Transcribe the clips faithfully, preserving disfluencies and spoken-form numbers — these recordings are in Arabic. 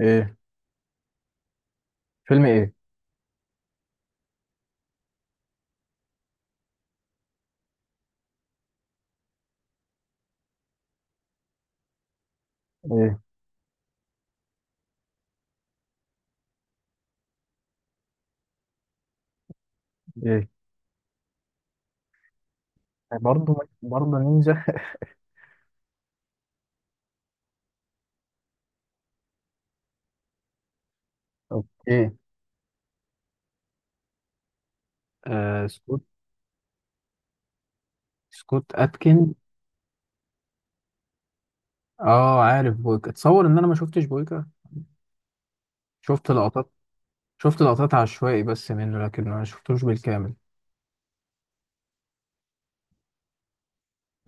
ايه؟ فيلم ايه؟ ايه، ايه، برضه برضه نينجا؟ اوكي. آه، سكوت. سكوت اتكن. اه، عارف بويكا. اتصور ان انا ما شفتش بويكا. شفت لقطات. شفت لقطات عشوائي بس منه، لكن ما شفتوش بالكامل.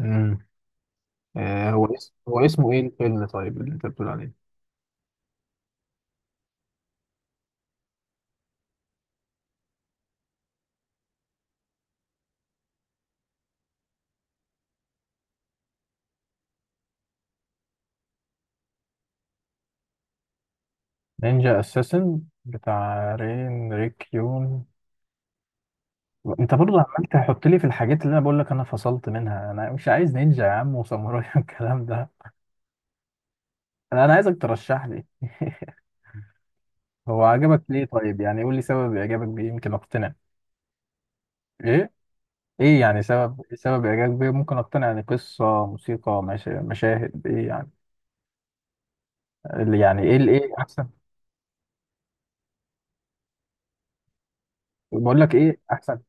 امم. آه، هو اسم هو اسمه ايه الفيلم طيب اللي انت بتقول عليه؟ نينجا اساسن بتاع رين ريك يون. انت برضه عمال تحط لي في الحاجات اللي انا بقول لك انا فصلت منها. انا مش عايز نينجا يا عم، وساموراي والكلام ده. انا أنا عايزك ترشح لي. هو عجبك ليه طيب؟ يعني قول لي سبب اعجابك بيه يمكن اقتنع. ايه؟ ايه يعني؟ سبب سبب اعجابك بيه ممكن اقتنع، يعني قصة، موسيقى، مشا- مشاهد، ايه يعني؟ اللي يعني ايه؟ اللي ايه احسن؟ بقول لك ايه احسن.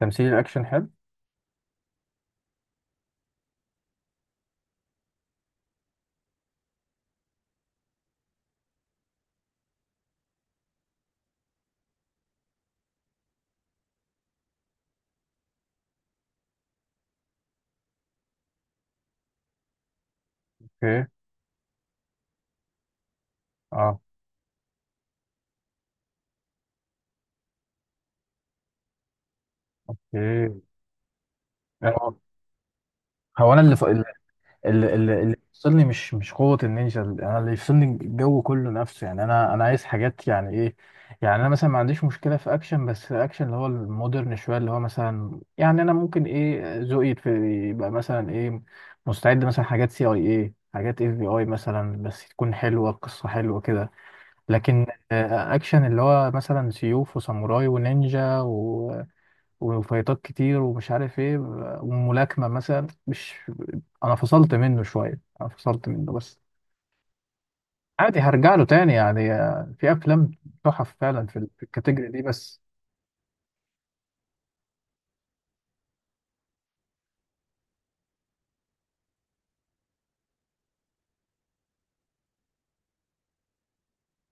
تمثيل الاكشن حلو. اوكي، اه، اوكي. آه. هو انا اللي ف... اللي, اللي اللي يفصلني مش مش قوة النينجا، انا اللي يفصلني الجو كله نفسه. يعني انا انا عايز حاجات يعني ايه. يعني انا مثلا ما عنديش مشكلة في اكشن، بس اكشن اللي هو المودرن شوية، اللي هو مثلا يعني انا ممكن ايه ذوقي في- يبقى مثلا ايه. مستعد مثلا حاجات سي اي ايه، حاجات اف بي اي مثلا، بس تكون حلوة، القصة حلوة كده. لكن آه، اكشن اللي هو مثلا سيوف وساموراي ونينجا و... وفايتات كتير ومش عارف ايه، وملاكمة مثلا، مش. انا فصلت منه شوية، انا فصلت منه، بس عادي هرجع له تاني. يعني آه، في افلام تحف فعلا في ال- في الكاتيجوري دي، بس.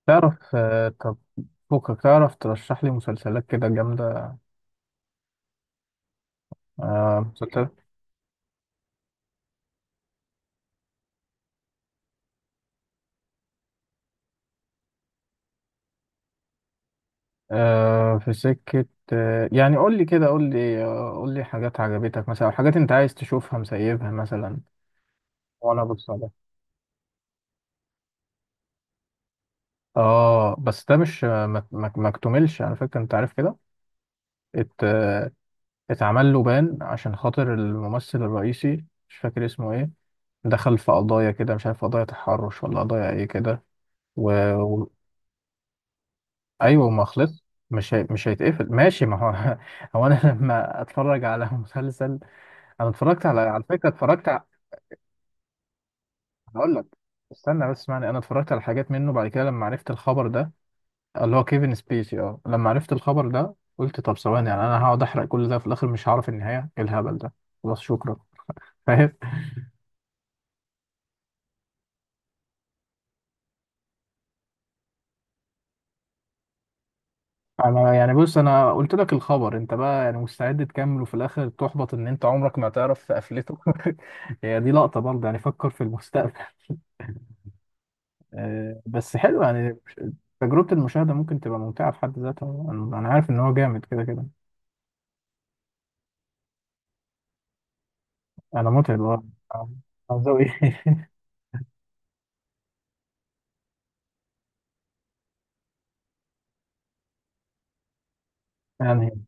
تعرف آه، طب، فكك. تعرف ترشح لي مسلسلات كده جامدة؟ آه، مسلسل. آه، في سكة. آه، يعني قول لي كده، قول لي آه، قول لي حاجات عجبتك مثلا، أو حاجات انت عايز تشوفها مسيبها مثلا. ولا بص عليه. اه، بس ده مش ما ما- ما اكتملش على فكرة، انت عارف كده. ات اتعمل له بان عشان خاطر الممثل الرئيسي، مش فاكر اسمه ايه، دخل في قضايا كده مش عارف، قضايا تحرش ولا قضايا ايه كده، و... و... ايوه، ما خلص. مش هي... مش هيتقفل ماشي، ما هو هو انا لما اتفرج على مسلسل، انا اتفرجت على، على فكرة اتفرجت ع- هقول لك، استنى بس، اسمعني. انا اتفرجت على حاجات منه بعد كده لما عرفت الخبر ده، اللي هو كيفن سبيسي. اه، لما عرفت الخبر ده قلت، طب ثواني، يعني انا هقعد احرق كل ده في الاخر مش هعرف النهايه ايه؟ الهبل ده؟ خلاص، شكرا. فاهم. انا يعني بص، انا قلت لك الخبر، انت بقى يعني مستعد تكمل وفي الاخر تحبط ان انت عمرك ما تعرف قفلته. هي دي لقطه برضه، يعني فكر في المستقبل. آه، بس حلو يعني، مش- تجربه المشاهده ممكن تبقى ممتعه في حد ذاتها. انا أنا عارف ان هو جامد كده كده. انا متعب، اه. آه، عاوز أقول إيه؟ يعني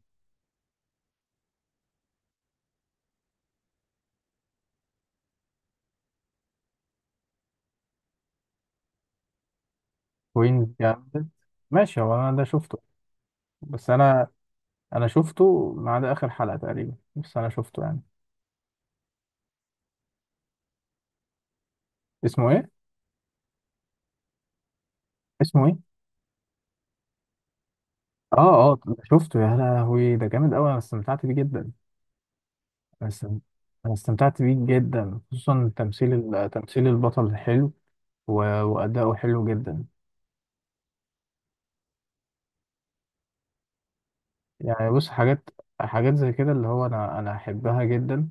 كوين جامد، ماشي. هو انا ده شفته، بس انا انا شفته ما عدا اخر حلقة تقريبا، بس انا شفته يعني. اسمه ايه؟ اسمه ايه؟ اه، اه، شفته، يا لهوي، ده جامد قوي. انا استمتعت بيه جدا. انا استم- أنا استمتعت بيه جدا، خصوصا تمثيل ال- تمثيل البطل حلو. و- واداؤه حلو جدا. يعني بص، حاجات حاجات زي كده اللي هو انا انا احبها جدا.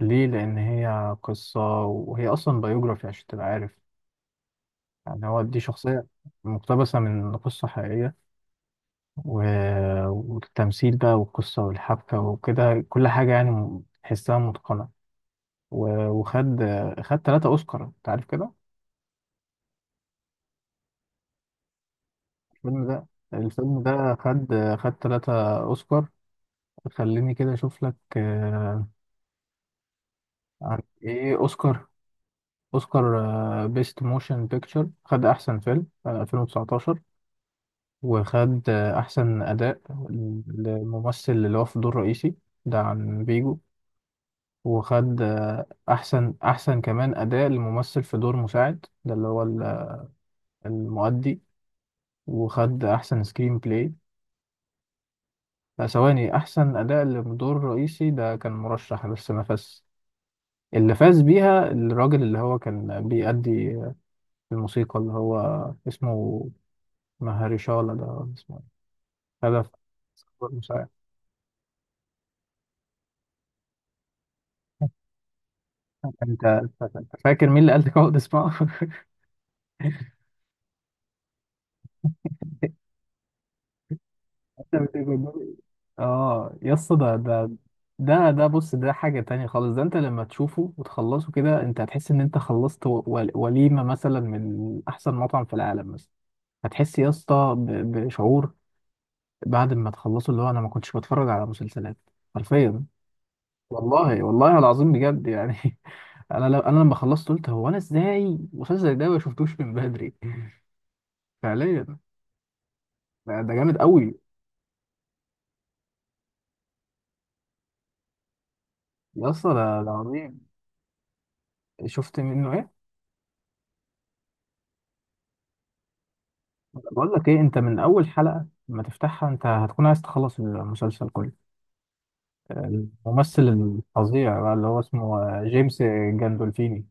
ليه؟ لان هي قصة، وهي اصلا بايوجرافي عشان تبقى عارف، يعني هو دي شخصية مقتبسة من قصة حقيقية. و- والتمثيل بقى والقصة والحبكة وكده، كل حاجة يعني تحسها متقنة. و- وخد خد تلاتة أوسكار، أنت عارف كده. الفيلم ده الفيلم ده خد خد تلاتة أوسكار. خليني كده أشوف لك. آه، عن إيه أوسكار؟ أوسكار بيست موشن بيكتشر. خد أحسن فيلم سنة ألفين وتسعة عشر، وخد آه، أحسن أداء للممثل اللي هو في دور رئيسي، ده عن بيجو. وخد آه، أحسن أحسن كمان أداء لممثل في دور مساعد، ده اللي هو ال- المؤدي. وخد أحسن سكرين بلاي. لا، ثواني، أحسن أداء لدور رئيسي ده كان مرشح بس ما فاز، اللي فاز بيها الراجل اللي هو كان بيأدي الموسيقى، اللي هو اسمه مهرشالا، ده ولا اسمه إيه؟ هدف دور مساعد. أنت أنت فاكر مين اللي قال لك اقعد اسمعه؟ اه يا اسطى، ده ده ده ده بص، ده حاجة تانية خالص. ده انت لما تشوفه وتخلصه كده، انت هتحس ان انت خلصت و- ول- وليمة مثلا من احسن مطعم في العالم مثلا. هتحس يا اسطى ب- بشعور بعد ما تخلصه، اللي هو انا ما كنتش بتفرج على مسلسلات حرفيا، والله والله العظيم بجد يعني. انا، لو انا لما خلصت قلت، هو انا ازاي المسلسل ده ما شفتوش من بدري؟ فعليا، ده ده جامد قوي. يا اسطى، ده ده عظيم. شفت منه إيه؟ بقول لك ايه، انت من اول حلقة ما تفتحها، انت هتكون عايز تخلص المسلسل كله. الممثل الفظيع بقى اللي هو اسمه آه، جيمس جاندولفيني.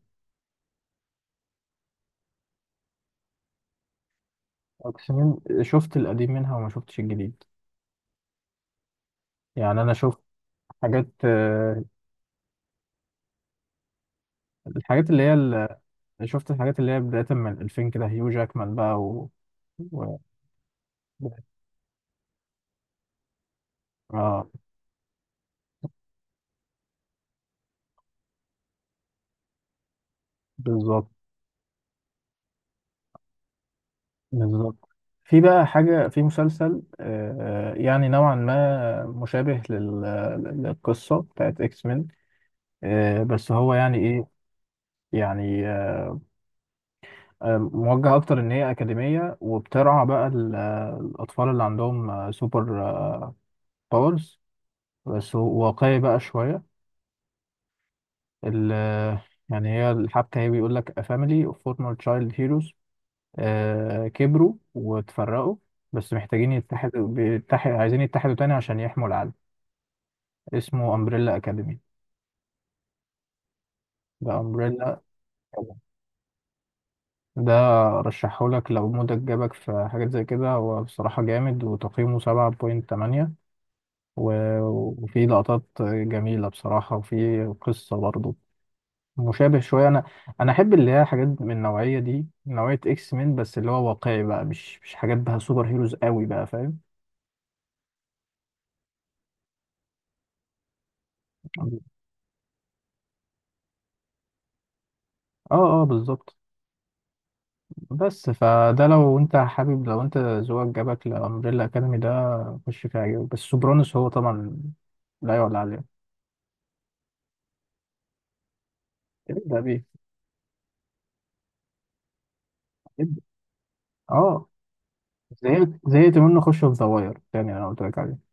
اقسم، شفت القديم منها وما شفتش الجديد. يعني انا شفت حاجات. آه، الحاجات اللي هي ال- شفت الحاجات اللي هي بداية من ألفين كده، هيو جاكمان بقى و... و... اه، بالظبط. بالظبط، في بقى حاجة في مسلسل آه، يعني نوعا ما مشابه لل- للقصة بتاعت اكس مان، آه، بس هو يعني ايه، يعني آه، آه، موجه اكتر ان هي اكاديميه، وبترعى بقى ال- آه، الاطفال اللي عندهم آه، سوبر آه، باورز، بس هو واقعي بقى شويه. ال- آه، يعني هي الحبكه، هي بيقول لك A family of former child heroes، آه، كبروا وتفرقوا، بس محتاجين يتحدوا، بيتحد عايزين يتحدوا تاني عشان يحموا العالم. اسمه امبريلا اكاديمي، ده امبريلا. ده رشحهولك لو مودك جابك في حاجات زي كده، هو بصراحة جامد وتقييمه سبعة بوينت تمانية. و- وفي لقطات جميلة بصراحة، وفي قصة برضه مشابه شوية. أنا أنا أحب اللي هي حاجات من النوعية دي، نوعية إكس مين، بس اللي هو واقعي بقى، مش مش حاجات بقى سوبر هيروز قوي بقى، فاهم. اه، اه، بالظبط. بس فده، لو انت حابب، لو انت ذوقك جابك لأمبريلا أكاديمي ده، خش فيها عجبك. بس سوبرانوس هو طبعا لا يعلى عليه. ده بيه ابدأ. اه، زهقت زهقت منه، خش في زواير يعني، انا قلت لك عليه.